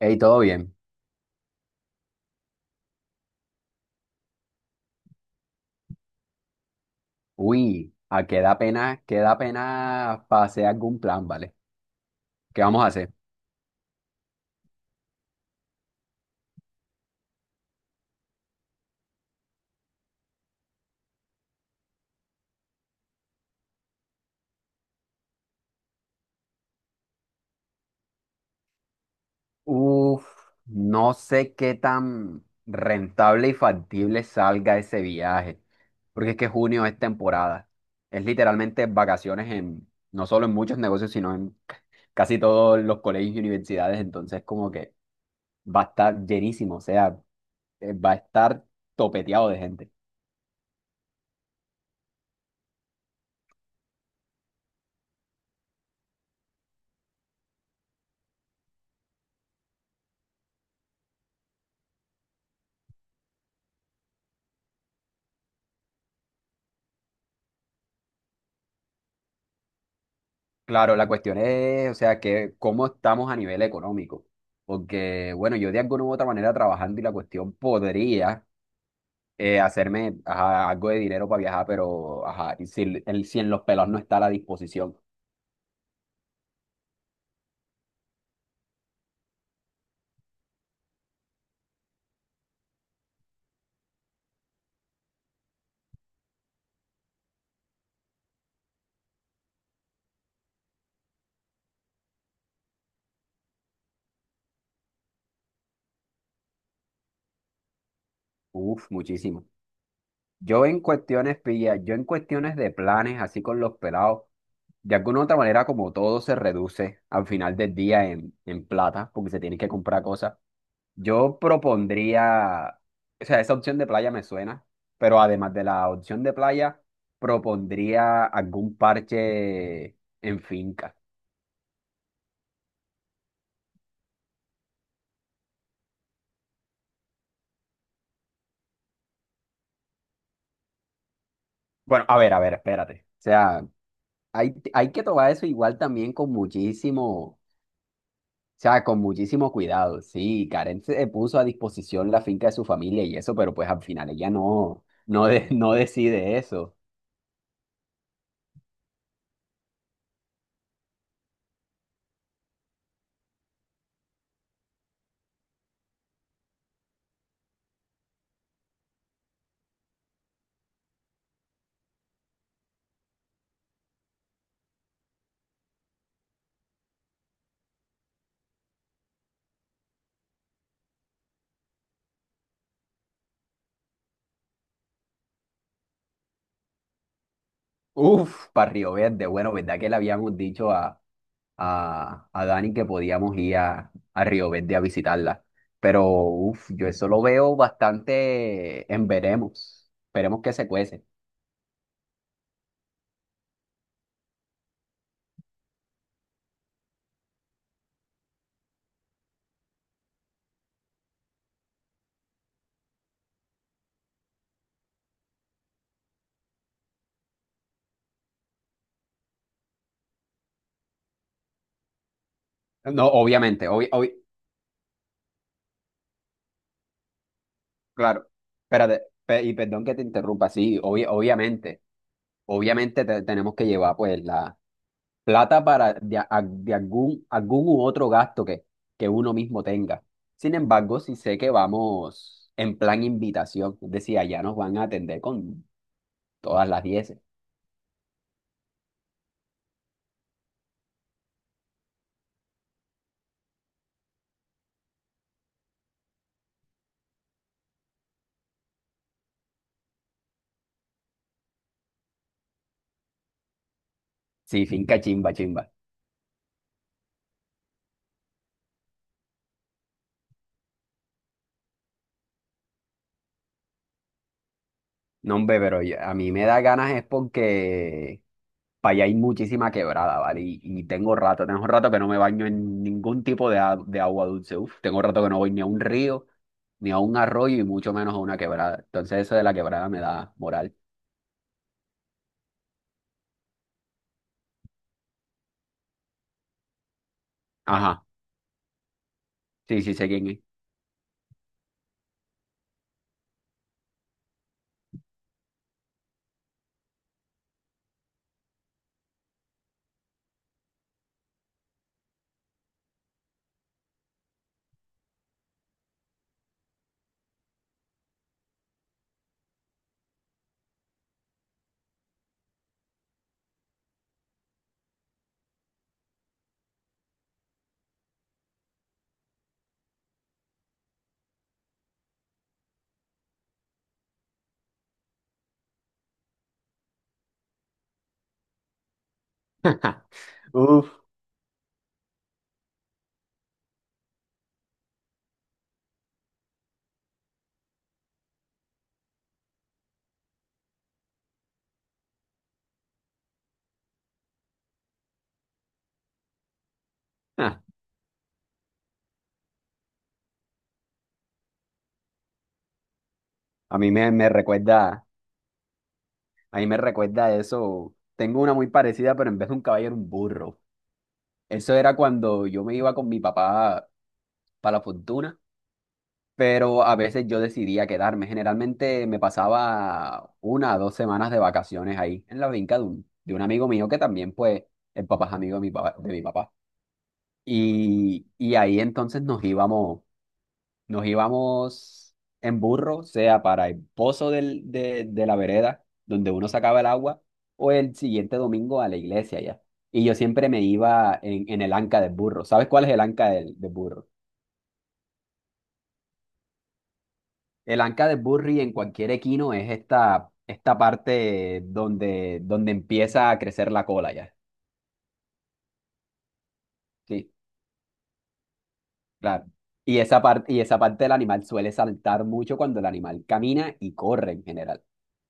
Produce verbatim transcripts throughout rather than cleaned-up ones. Hey, todo bien. Uy, a qué da pena, qué da pena para hacer algún plan, ¿vale? ¿Qué vamos a hacer? Uf, no sé qué tan rentable y factible salga ese viaje, porque es que junio es temporada. Es literalmente vacaciones en, no solo en muchos negocios, sino en c- casi todos los colegios y universidades, entonces como que va a estar llenísimo, o sea, eh, va a estar topeteado de gente. Claro, la cuestión es, o sea, que cómo estamos a nivel económico. Porque, bueno, yo de alguna u otra manera trabajando y la cuestión podría eh, hacerme ajá, algo de dinero para viajar, pero ajá, y si, el- si en los pelos no está a la disposición. Uf, muchísimo. Yo en cuestiones, pilla, yo en cuestiones de planes, así con los pelados, de alguna u otra manera, como todo se reduce al final del día en, en plata, porque se tienen que comprar cosas. Yo propondría, o sea, esa opción de playa me suena, pero además de la opción de playa, propondría algún parche en finca. Bueno, a ver, a ver, espérate. O sea, hay, hay que tomar eso igual también con muchísimo, o sea, con muchísimo cuidado. Sí, Karen se puso a disposición la finca de su familia y eso, pero pues al final ella no, no, de- no decide eso. Uf, para Río Verde, bueno, ¿verdad que le habíamos dicho a a, a, Dani que podíamos ir a, a Río Verde a visitarla? Pero uf, yo eso lo veo bastante en veremos. Esperemos que se cuece. No, obviamente, obvi- obvi- claro. Espérate, pe- y perdón que te interrumpa, sí, obvi- obviamente. Obviamente te- tenemos que llevar pues la plata para de, a- de algún, algún u otro gasto que, que uno mismo tenga. Sin embargo, sí sé que vamos en plan invitación, es decir, allá nos van a atender con todas las diez. Sí, finca chimba, chimba. No, hombre, pero yo- a mí me da ganas es porque para allá hay muchísima quebrada, ¿vale? Y, y tengo rato, tengo rato que no me baño en ningún tipo de, a- de agua dulce. Uf, tengo rato que no voy ni a un río, ni a un arroyo y mucho menos a una quebrada. Entonces eso de la quebrada me da moral. Ajá, sí, sí, sé quién es. Uf, ah, a mí me, me recuerda, a mí me recuerda eso. Tengo una muy parecida, pero en vez de un caballo era un burro. Eso era cuando yo me iba con mi papá para la fortuna. Pero a veces yo decidía quedarme. Generalmente me pasaba una o dos semanas de vacaciones ahí en la finca de un, de un, amigo mío que también, pues, el papá es amigo de mi papá, de mi papá. Y, y ahí entonces nos íbamos, nos íbamos en burro, sea para el pozo del, de, de la vereda, donde uno sacaba el agua, o el siguiente domingo a la iglesia ya. Y yo siempre me iba en, en, el anca del burro. ¿Sabes cuál es el anca del, del burro? El anca de Burry en cualquier equino es esta, esta, parte donde, donde empieza a crecer la cola ya. Sí, claro. Y esa parte, y esa parte del animal suele saltar mucho cuando el animal camina y corre en general.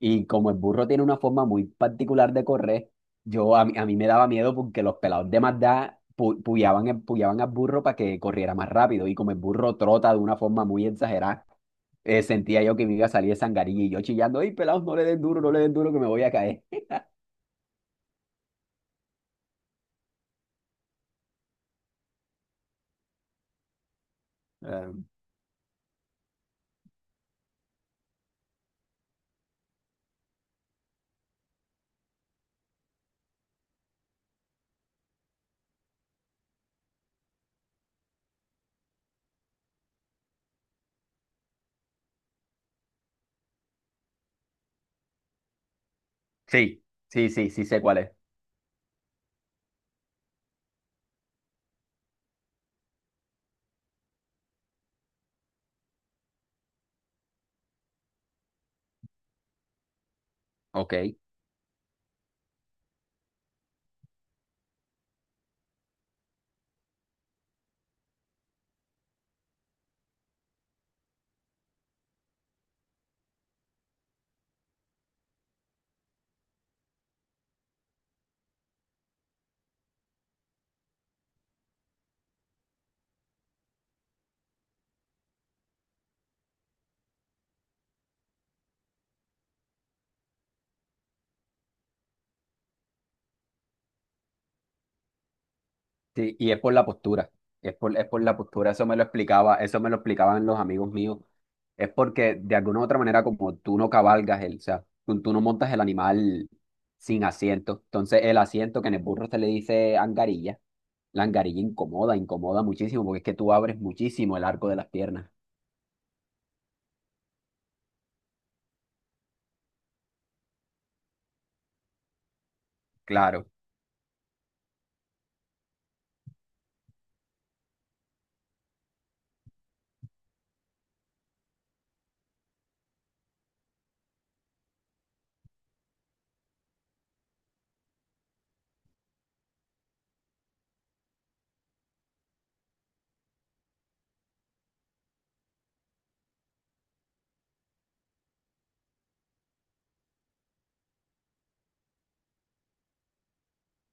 Y como el burro tiene una forma muy particular de correr, yo a mí, a mí me daba miedo porque los pelados de Mazda pu- puyaban, el- puyaban al burro para que corriera más rápido. Y como el burro trota de una forma muy exagerada, eh, sentía yo que me iba a salir de sangarilla y yo chillando, ¡ay, pelados, no le den duro, no le den duro que me voy a caer! Eh, sí, sí, sí, sí sé cuál es. Ok, sí, y es por la postura. Es por, es por la postura. Eso me lo explicaba, eso me lo explicaban los amigos míos. Es porque de alguna u otra manera, como tú no cabalgas el, o sea, tú, tú no montas el animal sin asiento. Entonces, el asiento que en el burro se le dice angarilla, la angarilla incomoda, incomoda muchísimo, porque es que tú abres muchísimo el arco de las piernas. Claro,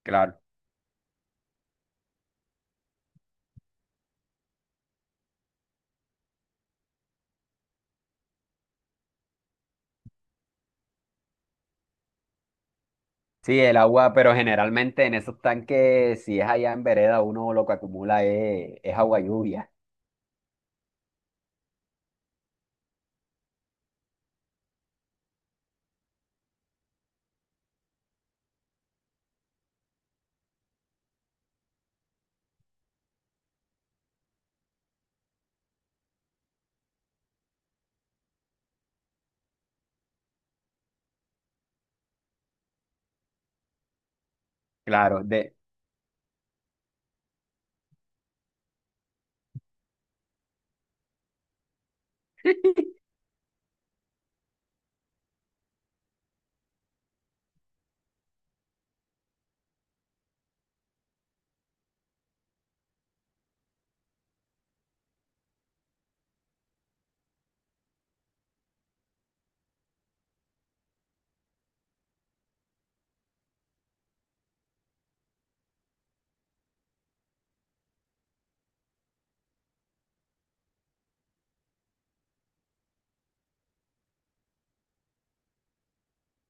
claro. Sí, el agua, pero generalmente en esos tanques, si es allá en vereda, uno lo que acumula es, es agua lluvia. Claro, de,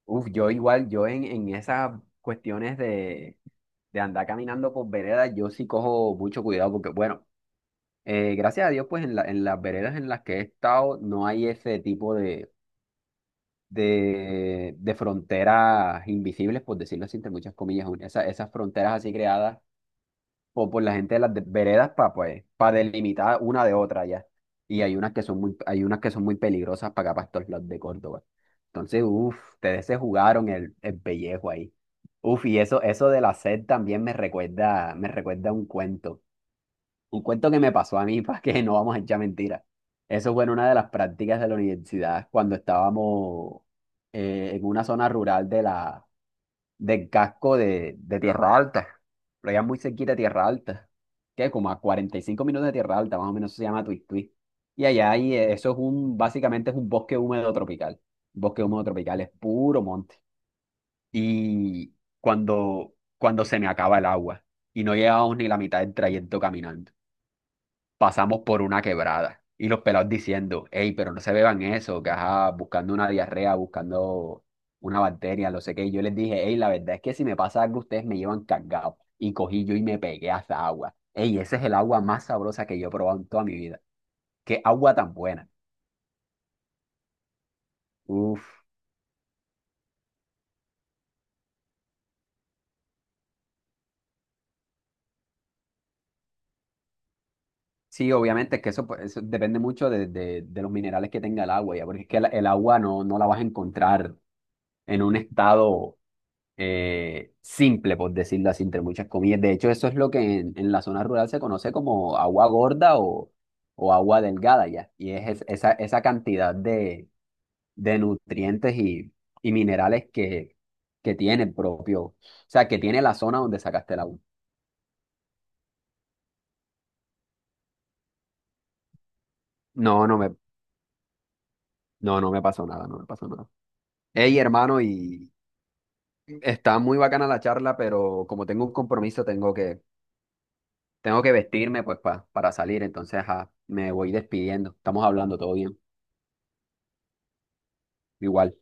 uf, yo igual, yo en, en esas cuestiones de, de andar caminando por veredas, yo sí cojo mucho cuidado porque, bueno, eh, gracias a Dios, pues en la- en las veredas en las que he estado no hay ese tipo de, de, de fronteras invisibles, por decirlo así, entre muchas comillas, un- esa- esas fronteras así creadas o por la gente de las de- veredas para pues, para delimitar una de otra ya. Y hay unas que son muy, hay unas que son muy peligrosas para acá, para estos lados de Córdoba. Entonces, uff, ustedes se jugaron el, el pellejo ahí. Uf, y eso, eso de la sed también me recuerda, me recuerda un cuento. Un cuento que me pasó a mí, para que no vamos a echar mentiras. Eso fue en una de las prácticas de la universidad cuando estábamos eh, en una zona rural de la, del casco de, de Tierra Alta. Lo llaman muy cerquita de Tierra Alta. Que como a cuarenta y cinco minutos de Tierra Alta, más o menos se llama Tuistuí. Y allá hay, eh, eso es un, básicamente es un bosque húmedo tropical. Bosque húmedo tropical es puro monte. Y cuando, cuando se me acaba el agua y no llevamos ni la mitad del trayecto caminando pasamos por una quebrada. Y los pelados diciendo, hey, pero no se beban eso, que ajá, buscando una diarrea, buscando una bacteria, no sé qué. Y yo les dije, hey, la verdad es que si me pasa algo, ustedes me llevan cargado. Y cogí yo y me pegué a esa agua. Hey, esa es el agua más sabrosa que yo he probado en toda mi vida. Qué agua tan buena. Uf. Sí, obviamente es que eso, pues, eso depende mucho de, de- de los minerales que tenga el agua, ya, porque es que el, el agua no, no la vas a encontrar en un estado eh, simple, por decirlo así, entre muchas comillas. De hecho, eso es lo que en, en, la zona rural se conoce como agua gorda o, o agua delgada ya. Y es, es- esa, esa cantidad de, de nutrientes y, y minerales que, que tiene el propio, o sea, que tiene la zona donde sacaste el agua. No, no me, no, no me pasó nada, no me pasó nada. Hey, hermano, y está muy bacana la charla, pero como tengo un compromiso, tengo que, Tengo que, vestirme pues pa- para salir, entonces ajá, me voy despidiendo. Estamos hablando todo bien. Igual.